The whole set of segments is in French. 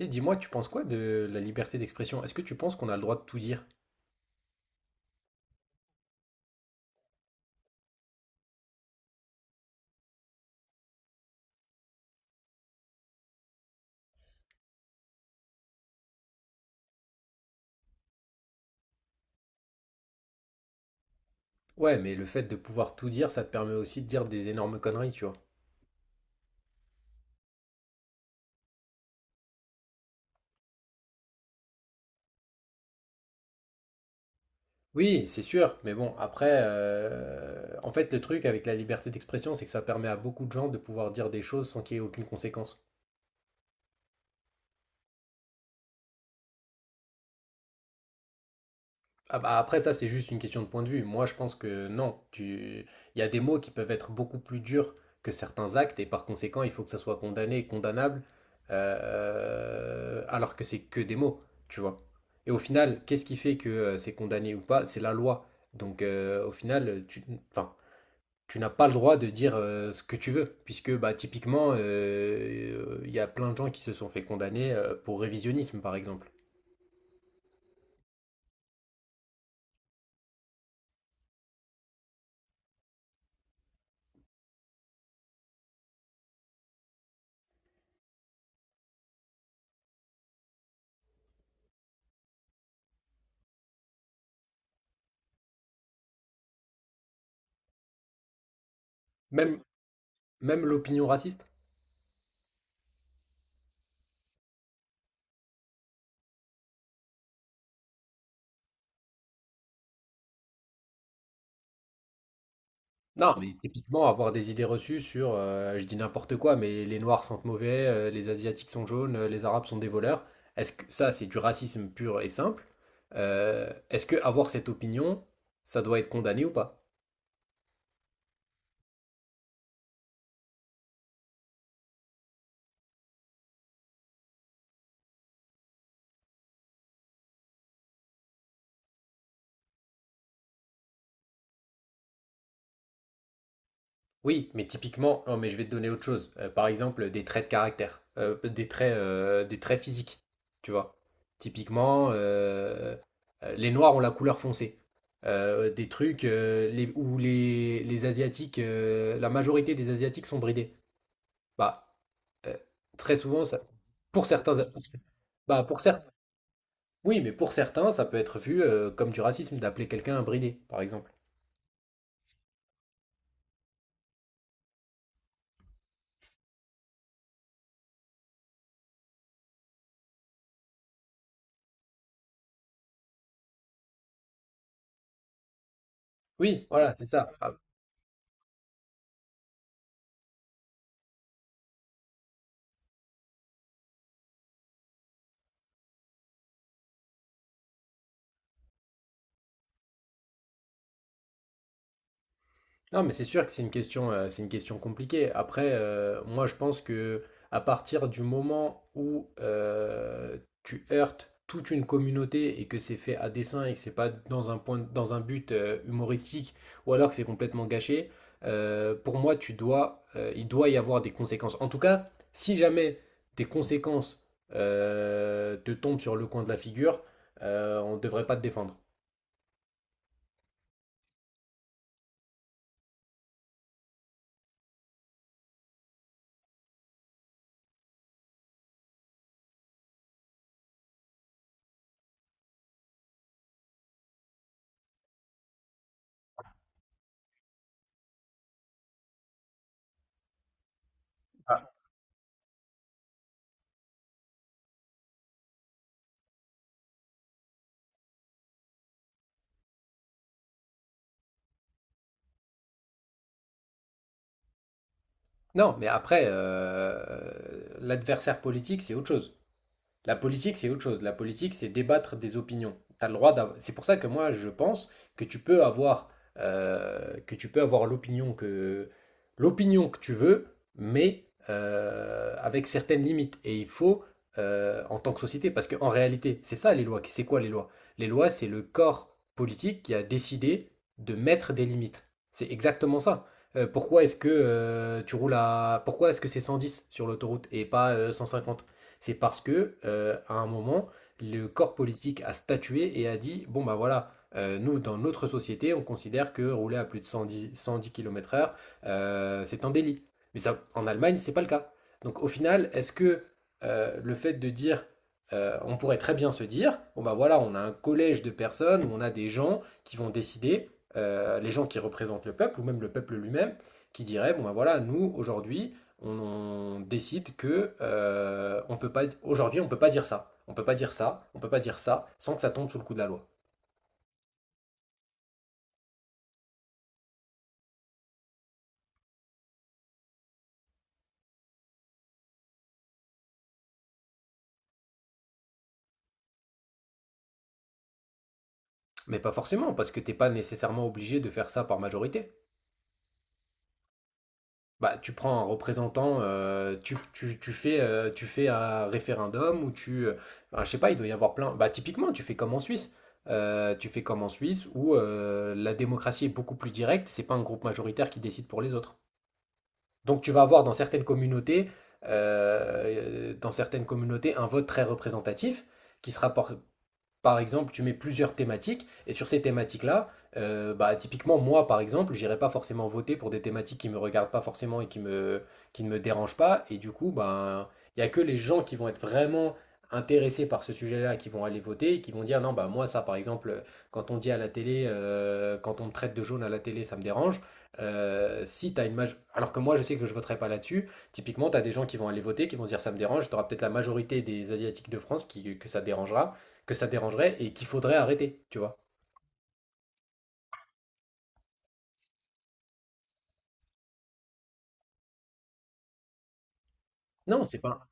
Et dis-moi, tu penses quoi de la liberté d'expression? Est-ce que tu penses qu'on a le droit de tout dire? Ouais, mais le fait de pouvoir tout dire, ça te permet aussi de dire des énormes conneries, tu vois. Oui, c'est sûr, mais bon, après, en fait, le truc avec la liberté d'expression, c'est que ça permet à beaucoup de gens de pouvoir dire des choses sans qu'il y ait aucune conséquence. Ah bah, après, ça, c'est juste une question de point de vue. Moi, je pense que non. Il y a des mots qui peuvent être beaucoup plus durs que certains actes, et par conséquent, il faut que ça soit condamné et condamnable, alors que c'est que des mots, tu vois. Et au final, qu'est-ce qui fait que c'est condamné ou pas? C'est la loi. Donc, au final, enfin, tu n'as pas le droit de dire ce que tu veux, puisque bah, typiquement, il y a plein de gens qui se sont fait condamner pour révisionnisme, par exemple. Même, même l'opinion raciste. Non, mais typiquement, avoir des idées reçues sur, je dis n'importe quoi, mais les noirs sentent mauvais, les asiatiques sont jaunes, les arabes sont des voleurs. Est-ce que ça, c'est du racisme pur et simple? Est-ce que avoir cette opinion, ça doit être condamné ou pas? Oui, mais typiquement, non, mais je vais te donner autre chose. Par exemple, des traits de caractère, des traits physiques, tu vois. Typiquement, les Noirs ont la couleur foncée. Des trucs les, où les Asiatiques, la majorité des Asiatiques sont bridés. Bah, euh, très souvent, ça, pour certains, pour, cer- bah, pour certains, oui, mais pour certains, ça peut être vu comme du racisme d'appeler quelqu'un un bridé, par exemple. Oui, voilà, c'est ça. Non, mais c'est sûr que c'est une question compliquée. Après, moi, je pense que à partir du moment où tu heurtes toute une communauté et que c'est fait à dessein et que c'est pas dans dans un but humoristique ou alors que c'est complètement gâché, pour moi, il doit y avoir des conséquences. En tout cas, si jamais des conséquences te tombent sur le coin de la figure, on ne devrait pas te défendre. Non, mais après, l'adversaire politique, c'est autre chose. La politique, c'est autre chose. La politique, c'est débattre des opinions. T'as le droit d'av- C'est pour ça que moi, je pense que tu peux avoir, que tu peux avoir l'opinion que tu veux, mais avec certaines limites. Et il faut, en tant que société, parce qu'en réalité, c'est ça les lois. C'est quoi les lois? Les lois, c'est le corps politique qui a décidé de mettre des limites. C'est exactement ça. Pourquoi est-ce que c'est 110 sur l'autoroute et pas 150? C'est parce que à un moment, le corps politique a statué et a dit, bon bah voilà, nous, dans notre société, on considère que rouler à plus de 110 km/h, c'est un délit. Mais ça, en Allemagne, c'est pas le cas. Donc au final, est-ce que le fait de dire, on pourrait très bien se dire, bon bah voilà, on a un collège de personnes, où on a des gens qui vont décider, les gens qui représentent le peuple, ou même le peuple lui-même, qui diraient bon bah voilà, nous, aujourd'hui, on, on décide que on peut pas dire ça, on peut pas dire ça, on peut pas dire ça sans que ça tombe sous le coup de la loi. Mais pas forcément parce que t'es pas nécessairement obligé de faire ça par majorité. Bah tu prends un représentant, tu fais un référendum ou tu ben, je sais pas, il doit y avoir plein. Bah typiquement tu fais comme en Suisse. Tu fais comme en Suisse où la démocratie est beaucoup plus directe, c'est pas un groupe majoritaire qui décide pour les autres. Donc tu vas avoir dans certaines communautés, un vote très représentatif qui sera por- par exemple, tu mets plusieurs thématiques, et sur ces thématiques-là, bah, typiquement, moi, par exemple, j'irai pas forcément voter pour des thématiques qui me regardent pas forcément qui ne me dérangent pas, et du coup, ben, il y a que les gens qui vont être vraiment intéressés par ce sujet-là qui vont aller voter et qui vont dire, non, bah, moi, ça, par exemple, quand on me traite de jaune à la télé, ça me dérange. Si t'as une maj- Alors que moi, je sais que je voterai pas là-dessus. Typiquement, tu as des gens qui vont aller voter, qui vont dire ça me dérange. Tu auras peut-être la majorité des Asiatiques de France qui, que ça dérangera que ça dérangerait et qu'il faudrait arrêter, tu vois. Non, c'est pas,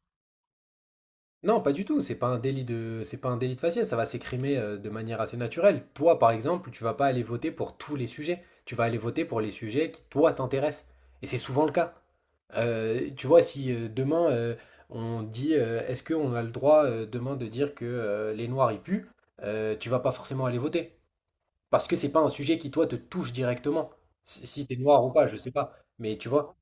non, pas du tout. C'est pas un délit de faciès. Ça va s'écrimer de manière assez naturelle. Toi, par exemple, tu vas pas aller voter pour tous les sujets. Tu vas aller voter pour les sujets qui toi t'intéressent. Et c'est souvent le cas. Tu vois, si demain on dit, est-ce qu'on a le droit demain de dire que les Noirs y puent, tu vas pas forcément aller voter parce que c'est pas un sujet qui toi te touche directement. Si, si t'es noir ou pas, je sais pas. Mais tu vois.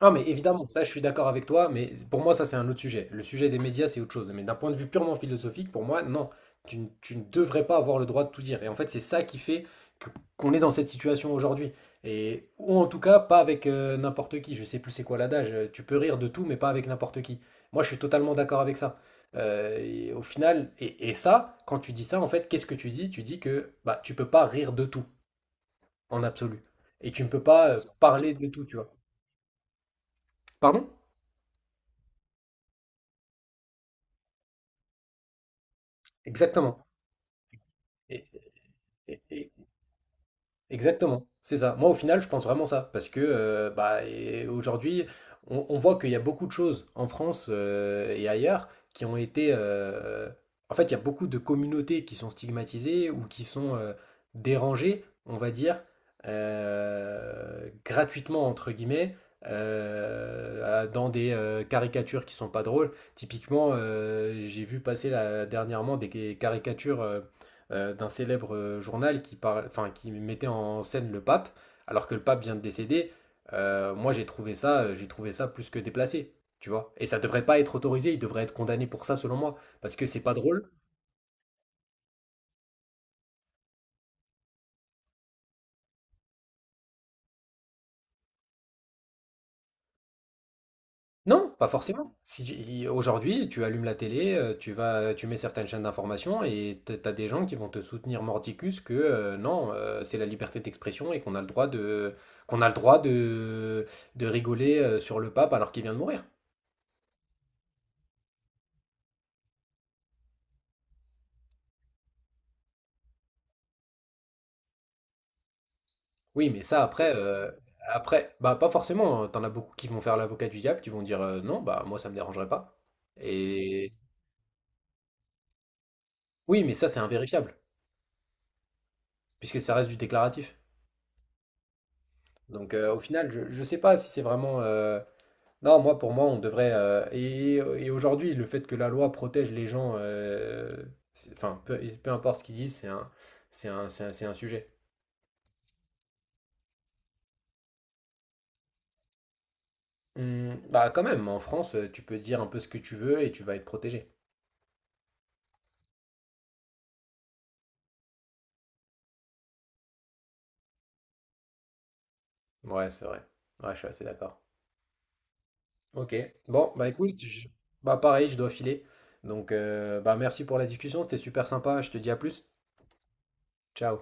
Ah, mais évidemment, ça, je suis d'accord avec toi, mais pour moi, ça, c'est un autre sujet. Le sujet des médias, c'est autre chose. Mais d'un point de vue purement philosophique, pour moi, non, tu ne devrais pas avoir le droit de tout dire. Et en fait, c'est ça qui fait que- qu'on est dans cette situation aujourd'hui. Et, ou en tout cas, pas avec n'importe qui. Je sais plus c'est quoi l'adage. Tu peux rire de tout, mais pas avec n'importe qui. Moi, je suis totalement d'accord avec ça. Et ça, quand tu dis ça, en fait, qu'est-ce que tu dis? Tu dis que bah, tu peux pas rire de tout, en absolu. Et tu ne peux pas parler de tout, tu vois. Pardon? Exactement. Et- et- et- Exactement, c'est ça. Moi, au final, je pense vraiment ça, parce que bah, et aujourd'hui, on voit qu'il y a beaucoup de choses en France et ailleurs en fait, il y a beaucoup de communautés qui sont stigmatisées ou qui sont dérangées, on va dire, gratuitement, entre guillemets, dans des caricatures qui sont pas drôles. Typiquement, j'ai vu passer là, dernièrement des caricatures d'un célèbre journal qui mettait en scène le pape, alors que le pape vient de décéder. Moi, j'ai trouvé ça plus que déplacé, tu vois. Et ça devrait pas être autorisé, il devrait être condamné pour ça, selon moi, parce que c'est pas drôle. Non, pas forcément. Si tu- il- aujourd'hui, tu allumes la télé, tu mets certaines chaînes d'information et t'as des gens qui vont te soutenir mordicus que non, c'est la liberté d'expression et qu'on a le droit de, qu'on a le droit de rigoler sur le pape alors qu'il vient de mourir. Oui, mais après, bah, pas forcément, hein. Tu as beaucoup qui vont faire l'avocat du diable, qui vont dire, «Non, bah, moi ça me dérangerait pas» et oui, mais ça c'est invérifiable, puisque ça reste du déclaratif. Donc, au final, je sais pas si c'est vraiment, non, moi pour moi on devrait, et aujourd'hui le fait que la loi protège les gens, c'est enfin peu importe ce qu'ils disent, c'est un sujet. Mmh, bah, quand même, en France, tu peux dire un peu ce que tu veux et tu vas être protégé. Ouais, c'est vrai. Ouais, je suis assez d'accord. Ok. Bon, bah écoute, bah pareil, je dois filer. Donc, bah merci pour la discussion, c'était super sympa. Je te dis à plus. Ciao.